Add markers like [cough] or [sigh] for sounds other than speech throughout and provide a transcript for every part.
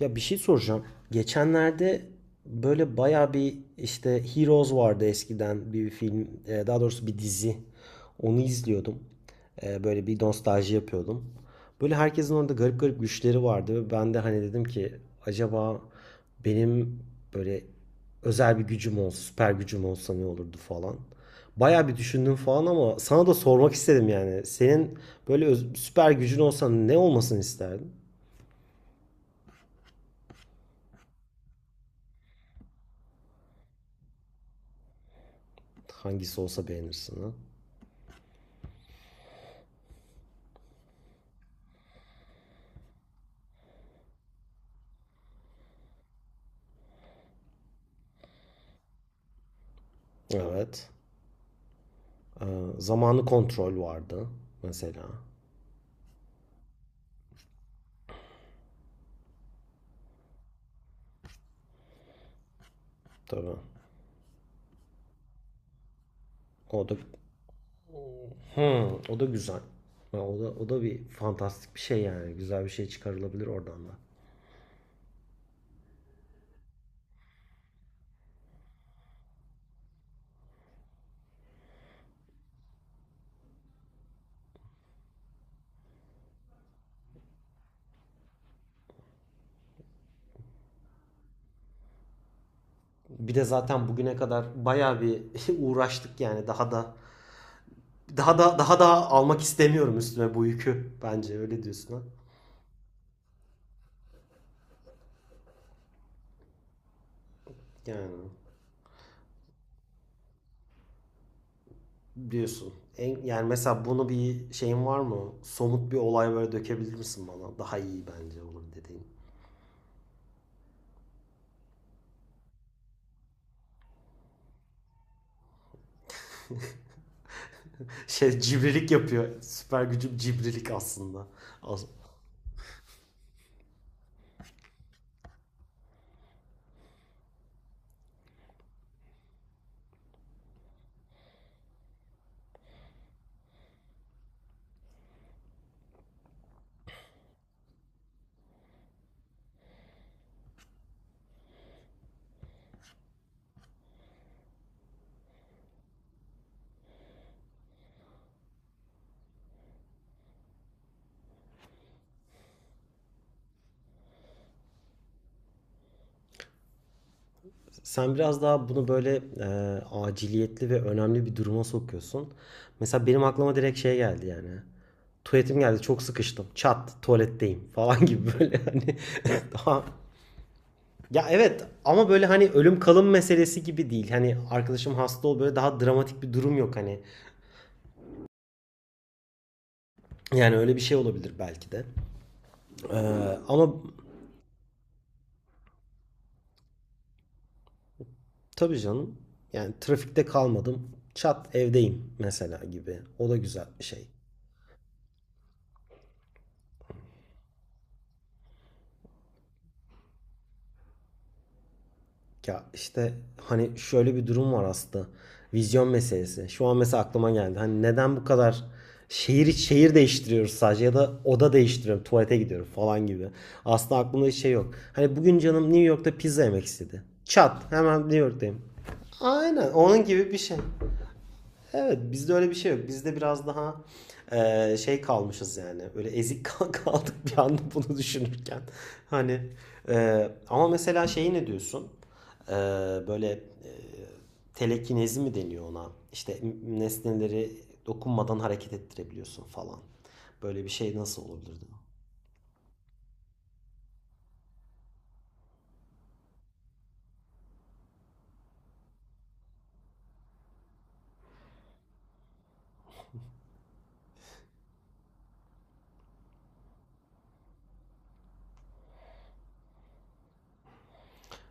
Ya bir şey soracağım. Geçenlerde böyle baya bir işte Heroes vardı eskiden bir film, daha doğrusu bir dizi. Onu izliyordum. Böyle bir nostalji yapıyordum. Böyle herkesin orada garip garip güçleri vardı, ve ben de hani dedim ki acaba benim böyle özel bir gücüm olsa, süper gücüm olsa ne olurdu falan. Baya bir düşündüm falan ama sana da sormak istedim yani. Senin böyle süper gücün olsa ne olmasını isterdin? Hangisi olsa beğenirsin ha? Evet. Ee, Zamanı kontrol vardı mesela. Tabii. O da Hmm, o da güzel. Ha, o da bir fantastik bir şey yani. Güzel bir şey çıkarılabilir oradan da. Bir de zaten bugüne kadar bayağı bir [laughs] uğraştık yani daha da almak istemiyorum üstüme bu yükü. Bence öyle diyorsun ha. Yani diyorsun. Yani mesela bunu bir şeyin var mı? Somut bir olay böyle dökebilir misin bana? Daha iyi bence olur dediğin. Şey cibrilik yapıyor. Süper gücüm cibrilik aslında. As- Sen biraz daha bunu böyle aciliyetli ve önemli bir duruma sokuyorsun. Mesela benim aklıma direkt şey geldi yani. Tuvaletim geldi, çok sıkıştım. Çat, tuvaletteyim falan [laughs] gibi böyle hani [laughs] daha. Ya evet, ama böyle hani ölüm kalım meselesi gibi değil. Hani arkadaşım hasta ol, böyle daha dramatik bir durum yok hani. Yani öyle bir şey olabilir belki de. Ee, ama Tabii canım. Yani trafikte kalmadım. Çat, evdeyim mesela gibi. O da güzel bir şey. Ya işte hani şöyle bir durum var aslında. Vizyon meselesi. Şu an mesela aklıma geldi. Hani neden bu kadar şehir şehir değiştiriyoruz, sadece ya da oda değiştiriyorum, tuvalete gidiyorum falan gibi. Aslında aklımda hiç şey yok. Hani bugün canım New York'ta pizza yemek istedi. Çat, hemen New York'tayım. Aynen onun gibi bir şey. Evet, bizde öyle bir şey yok. Bizde biraz daha şey kalmışız yani. Böyle ezik [laughs] kaldık bir anda bunu düşünürken. [laughs] Hani ama mesela şeyi ne diyorsun? E, Böyle telekinezi mi deniyor ona? İşte nesneleri dokunmadan hareket ettirebiliyorsun falan. Böyle bir şey nasıl olabilirdi?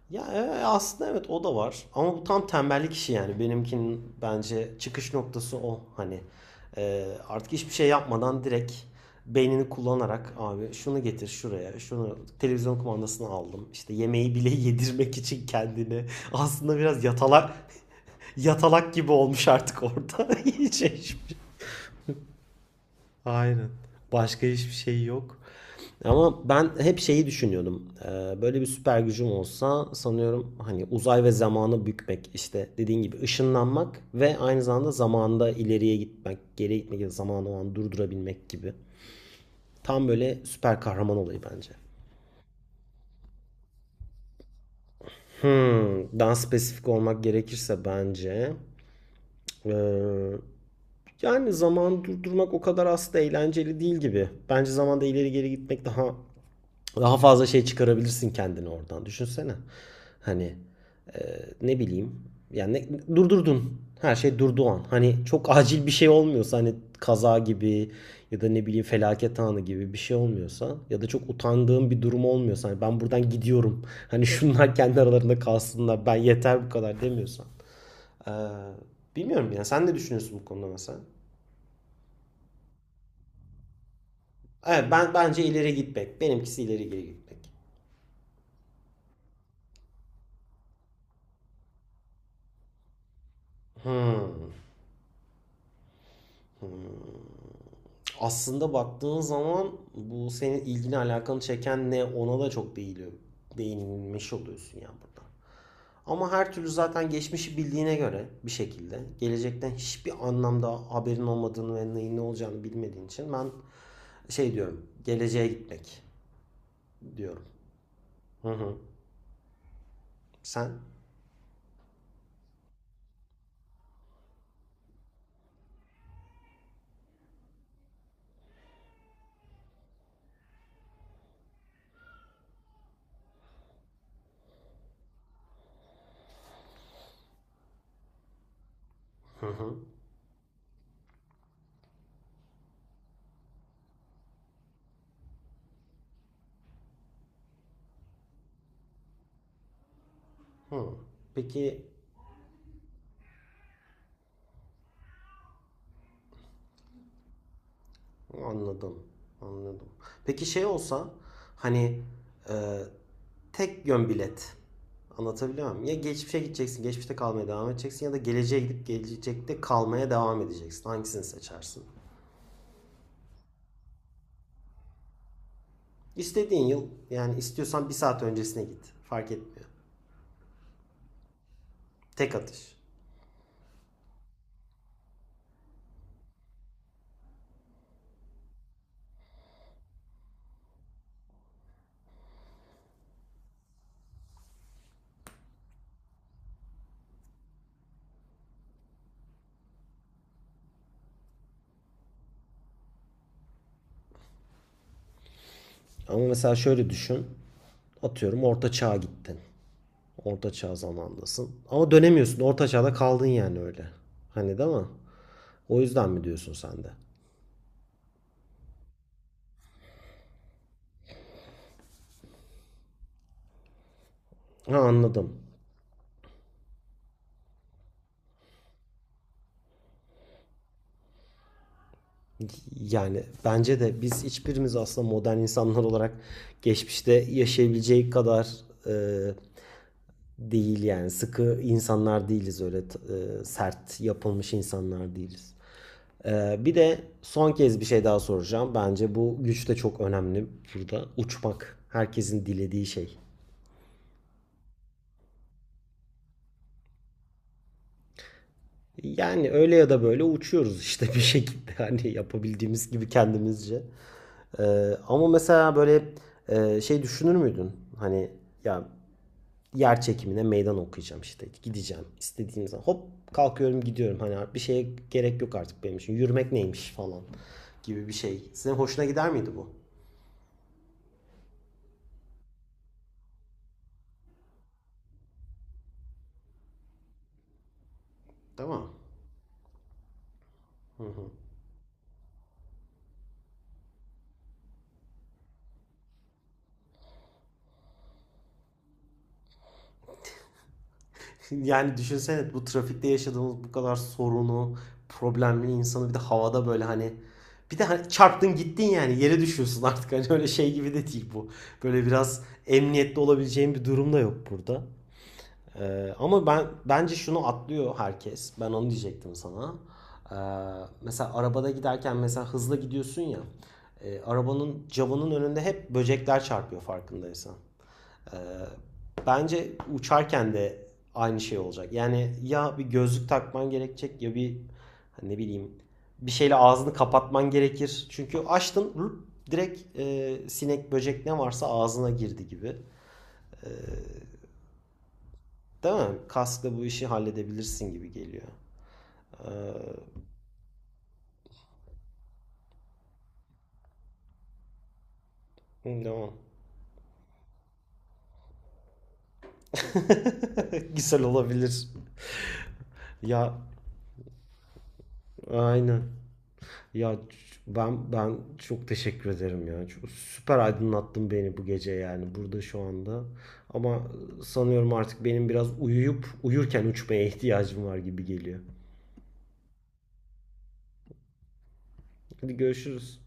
Ya aslında evet, o da var. Ama bu tam tembellik işi yani. Benimkinin bence çıkış noktası o. Hani artık hiçbir şey yapmadan direkt beynini kullanarak abi şunu getir şuraya, şunu televizyon kumandasını aldım. İşte yemeği bile [laughs] yedirmek için kendini. Aslında biraz yatalak yatalak gibi olmuş artık orada. [laughs] Başka hiçbir şey yok. Ama ben hep şeyi düşünüyordum. Böyle bir süper gücüm olsa sanıyorum hani uzay ve zamanı bükmek, işte dediğin gibi ışınlanmak ve aynı zamanda ileriye gitmek, geriye gitmek ya da zamanı o an durdurabilmek gibi. Tam böyle süper kahraman olayı bence. Daha spesifik olmak gerekirse bence ee, yani zaman durdurmak o kadar aslında eğlenceli değil gibi. Bence zamanda ileri geri gitmek daha. Daha fazla şey çıkarabilirsin kendini oradan. Düşünsene. Hani ne bileyim. Yani durdurdun. Her şey durduğu an. Hani çok acil bir şey olmuyorsa, hani kaza gibi ya da ne bileyim felaket anı gibi bir şey olmuyorsa ya da çok utandığım bir durum olmuyorsa, hani ben buradan gidiyorum. Hani şunlar kendi aralarında kalsınlar. Ben yeter, bu kadar demiyorsan. Ee, Bilmiyorum ya. Sen ne düşünüyorsun bu konuda mesela? Evet, ben bence ileri gitmek. Benimkisi ileri geri gitmek. Hmm. Hmm. Aslında baktığın zaman bu senin ilgini alakanı çeken ne, ona da çok değiliyor. Değinilmiş oluyorsun ya burada. Ama her türlü zaten geçmişi bildiğine göre bir şekilde, gelecekten hiçbir anlamda haberin olmadığını ve neyin ne olacağını bilmediğin için ben şey diyorum, geleceğe gitmek diyorum. Hı hı. Sen? Hı hı. Hı. Peki. Anladım. Anladım. Peki şey olsa hani e, tek yön bilet. Anlatabiliyor muyum? Ya geçmişe gideceksin, geçmişte kalmaya devam edeceksin ya da geleceğe gidip gelecekte kalmaya devam edeceksin. Hangisini seçersin? İstediğin yıl, yani istiyorsan bir saat öncesine git. Fark etmiyor. Tek atış. Ama mesela şöyle düşün. Atıyorum orta çağa gittin. Orta çağ zamanındasın. Ama dönemiyorsun. Orta çağda kaldın yani öyle. Hani, değil mi? O yüzden mi diyorsun sen de? Ha, anladım. Yani bence de biz hiçbirimiz aslında modern insanlar olarak geçmişte yaşayabileceği kadar e, değil yani, sıkı insanlar değiliz öyle. Sert yapılmış insanlar değiliz. Bir de son kez bir şey daha soracağım. Bence bu güç de çok önemli burada. Uçmak herkesin dilediği şey. Yani öyle ya da böyle uçuyoruz işte bir şekilde [laughs] hani yapabildiğimiz gibi kendimizce. Ama mesela böyle şey düşünür müydün? Hani ya yer çekimine meydan okuyacağım, işte gideceğim istediğim zaman, hop kalkıyorum gidiyorum, hani bir şeye gerek yok artık, benim için yürümek neymiş falan gibi bir şey. Senin hoşuna gider miydi bu? Değil mi? [laughs] Yani düşünsene, bu trafikte yaşadığımız bu kadar sorunu, problemli insanı bir de havada böyle hani, bir de hani çarptın gittin yani, yere düşüyorsun artık, hani öyle şey gibi de değil bu. Böyle biraz emniyetli olabileceğin bir durum da yok burada. Ama ben bence şunu atlıyor herkes. Ben onu diyecektim sana. Ee, mesela arabada giderken mesela hızlı gidiyorsun ya. Arabanın camının önünde hep böcekler çarpıyor farkındaysan. Ee, bence uçarken de aynı şey olacak. Yani ya bir gözlük takman gerekecek ya bir, hani ne bileyim, bir şeyle ağzını kapatman gerekir. Çünkü açtın, direkt sinek böcek ne varsa ağzına girdi gibi. Ee, Değil mi? Kaskla bu işi halledebilirsin gibi geliyor. Ee, devam. [laughs] Güzel olabilir. Ya aynen. Ya ben çok teşekkür ederim ya. Süper aydınlattın beni bu gece yani burada şu anda. Ama sanıyorum artık benim biraz uyuyup uyurken uçmaya [laughs] ihtiyacım var gibi geliyor. Hadi görüşürüz.